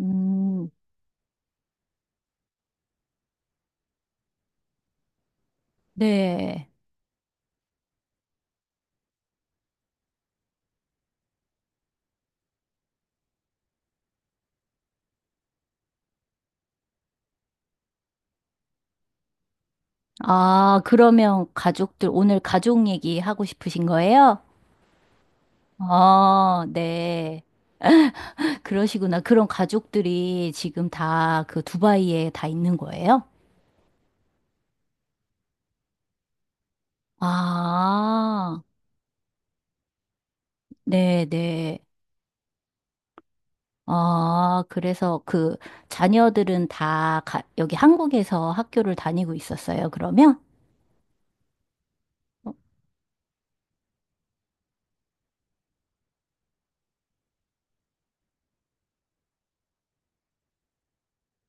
음, 네. 아, 그러면 가족들, 오늘 가족 얘기 하고 싶으신 거예요? 아, 네. 그러시구나. 그런 가족들이 지금 다 그 두바이에 다 있는 거예요? 아, 네, 네. 아, 그래서 그 자녀들은 다 가- 여기 한국에서 학교를 다니고 있었어요, 그러면?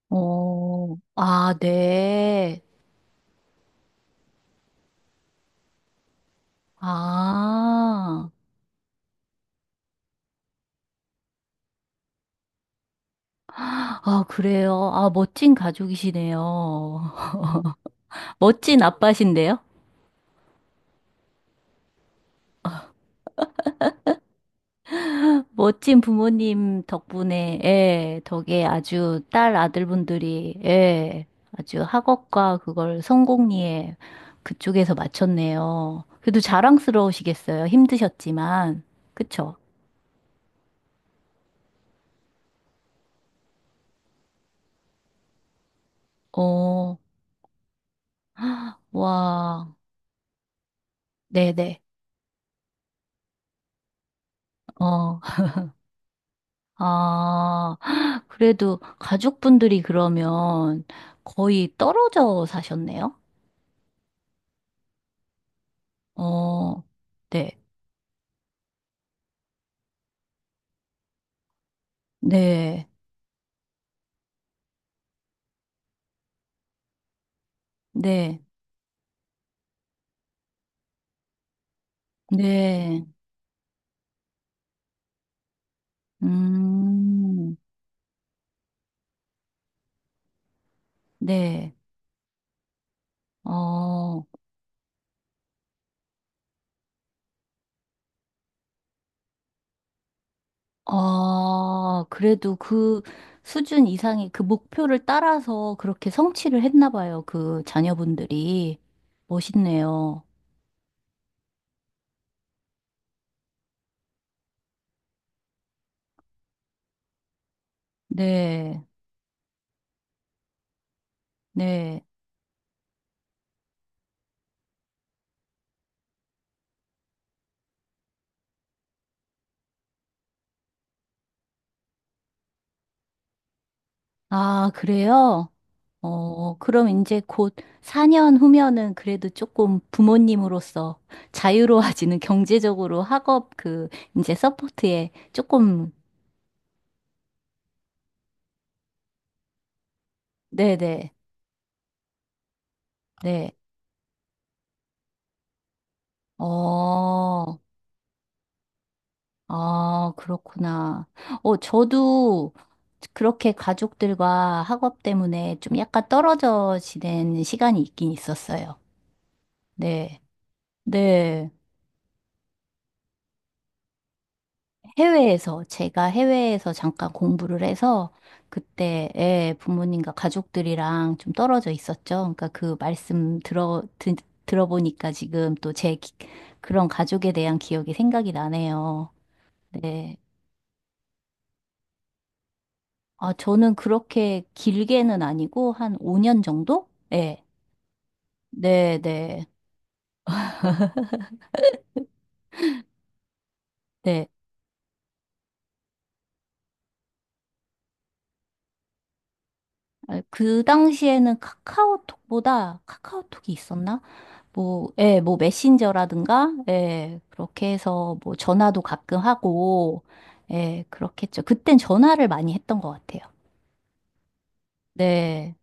어, 아, 네. 아. 아, 그래요. 아, 멋진 가족이시네요. 멋진 아빠신데요? 멋진 부모님 덕분에, 예, 덕에 아주 딸 아들분들이, 예, 아주 학업과 그걸 성공리에 그쪽에서 맞췄네요. 그래도 자랑스러우시겠어요. 힘드셨지만. 그쵸? 어, 와, 네네. 어, 아, 그래도 가족분들이 그러면 거의 떨어져 사셨네요? 어, 네, 네, 네, 네, 음, 네, 어, 아, 그래도 그 수준 이상의 그 목표를 따라서 그렇게 성취를 했나 봐요. 그 자녀분들이. 멋있네요. 네, 네. 아, 그래요? 어, 그럼 이제 곧 4년 후면은 그래도 조금 부모님으로서 자유로워지는 경제적으로 학업 그 이제 서포트에 조금, 네네, 네. 어, 아, 그렇구나. 어, 저도 그렇게 가족들과 학업 때문에 좀 약간 떨어져 지낸 시간이 있긴 있었어요. 네. 네. 해외에서, 제가 해외에서 잠깐 공부를 해서 그때 예, 부모님과 가족들이랑 좀 떨어져 있었죠. 그러니까 그 말씀 들어보니까 지금 또 제 그런 가족에 대한 기억이 생각이 나네요. 네. 아, 저는 그렇게 길게는 아니고 한 5년 정도? 네. 네, 네. 네. 아, 그 당시에는 카카오톡보다 카카오톡이 있었나? 뭐, 예, 뭐 메신저라든가, 예, 그렇게 해서 뭐 전화도 가끔 하고, 예, 그렇겠죠. 그땐 전화를 많이 했던 것 같아요. 네,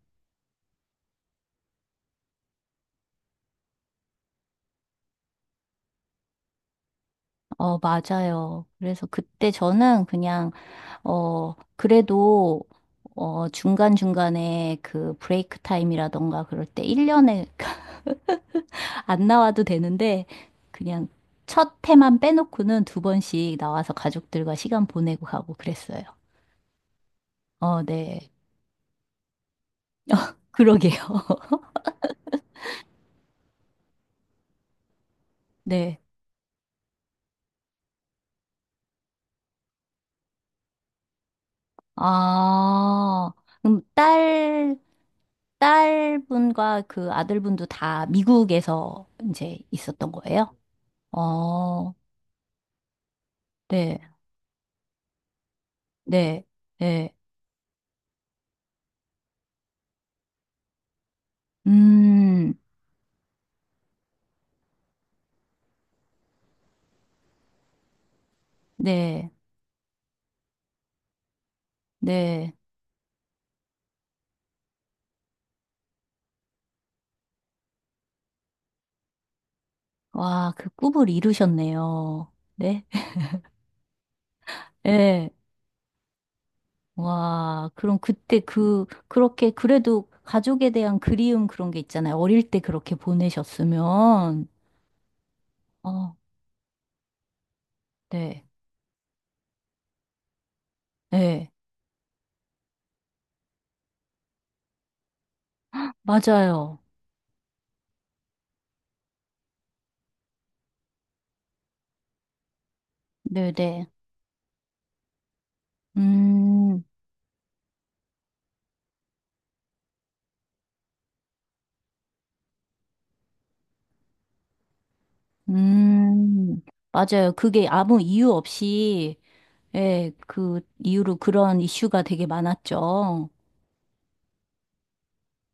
어, 맞아요. 그래서 그때 저는 그냥, 어, 그래도, 어, 중간중간에 그 브레이크 타임이라던가 그럴 때 1년에 안 나와도 되는데, 그냥 첫 해만 빼놓고는 두 번씩 나와서 가족들과 시간 보내고 가고 그랬어요. 어, 네. 그러게요. 네. 아, 그럼 딸분과 그 아들분도 다 미국에서 이제 있었던 거예요? 어, 네, 네, 네. 음, 네, 네. 와, 그 꿈을 이루셨네요. 네, 네. 와, 그럼 그때 그, 그렇게 그래도 가족에 대한 그리움 그런 게 있잖아요. 어릴 때 그렇게 보내셨으면. 어, 네, 네. 맞아요. 네네. 음, 음, 맞아요. 그게 아무 이유 없이, 예, 그 이유로 그런 이슈가 되게 많았죠.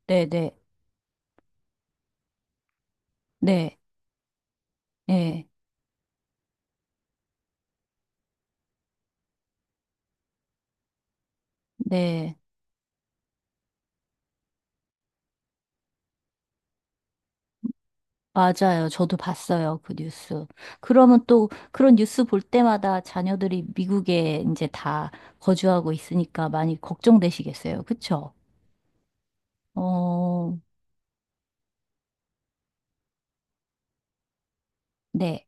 네네. 네, 예, 네. 맞아요. 저도 봤어요. 그 뉴스. 그러면 또 그런 뉴스 볼 때마다 자녀들이 미국에 이제 다 거주하고 있으니까 많이 걱정되시겠어요. 그쵸? 어, 네.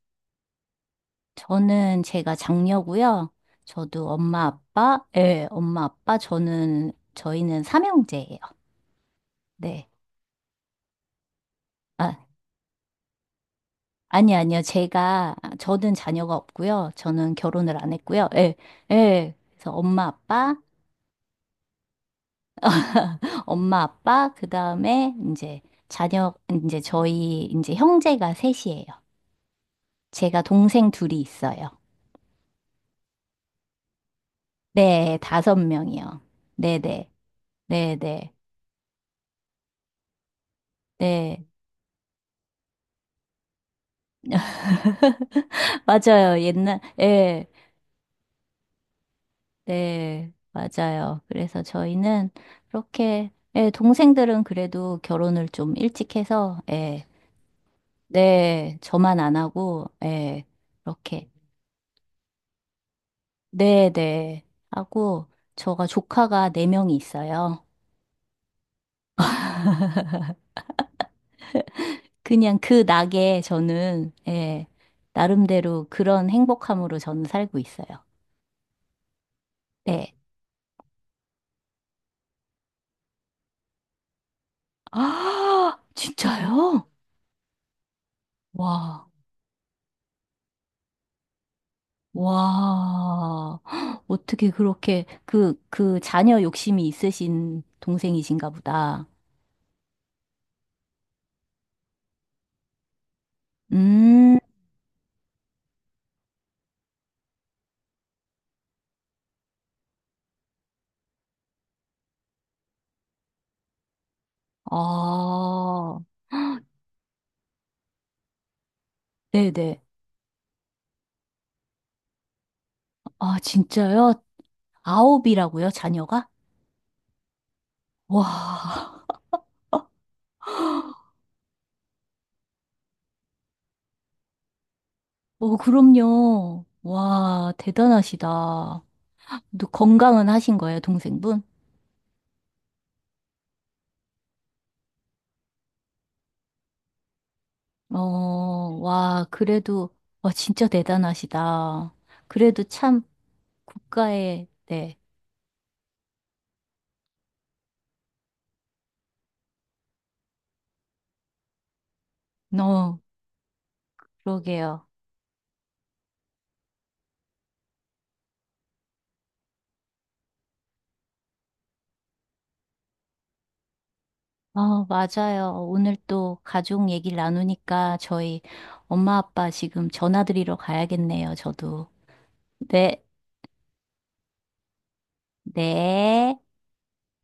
저는 제가 장녀고요. 저도 엄마, 아빠, 예, 엄마, 아빠, 저희는 삼형제예요. 네. 아, 아니, 아니요. 저는 자녀가 없고요. 저는 결혼을 안 했고요. 예, 예. 그래서 엄마, 아빠, 엄마, 아빠, 그 다음에 이제 자녀, 이제 저희, 이제 형제가 셋이에요. 제가 동생 둘이 있어요. 네, 다섯 명이요. 네네. 네네. 네. 맞아요. 옛날, 예. 네, 맞아요. 그래서 저희는 그렇게, 예, 동생들은 그래도 결혼을 좀 일찍 해서, 예, 네, 저만 안 하고, 예, 이렇게, 네, 네, 하고, 저가 조카가 네명이 있어요. 그냥 그 낙에 저는, 예, 나름대로 그런 행복함으로 저는 살고 있어요. 네. 아, 진짜요? 와. 와, 헉, 어떻게 그렇게 그, 그 자녀 욕심이 있으신 동생이신가 보다. 음, 아, 네네. 아, 진짜요? 아홉이라고요, 자녀가? 와, 어, 그럼요. 와, 대단하시다. 또 건강은 하신 거예요, 동생분? 어, 와, 그래도, 와, 진짜 대단하시다. 그래도 참 국가에, 네, 너, 그러게요. 어, 맞아요. 오늘 또 가족 얘기를 나누니까 저희 엄마 아빠 지금 전화 드리러 가야겠네요, 저도. 네, 네.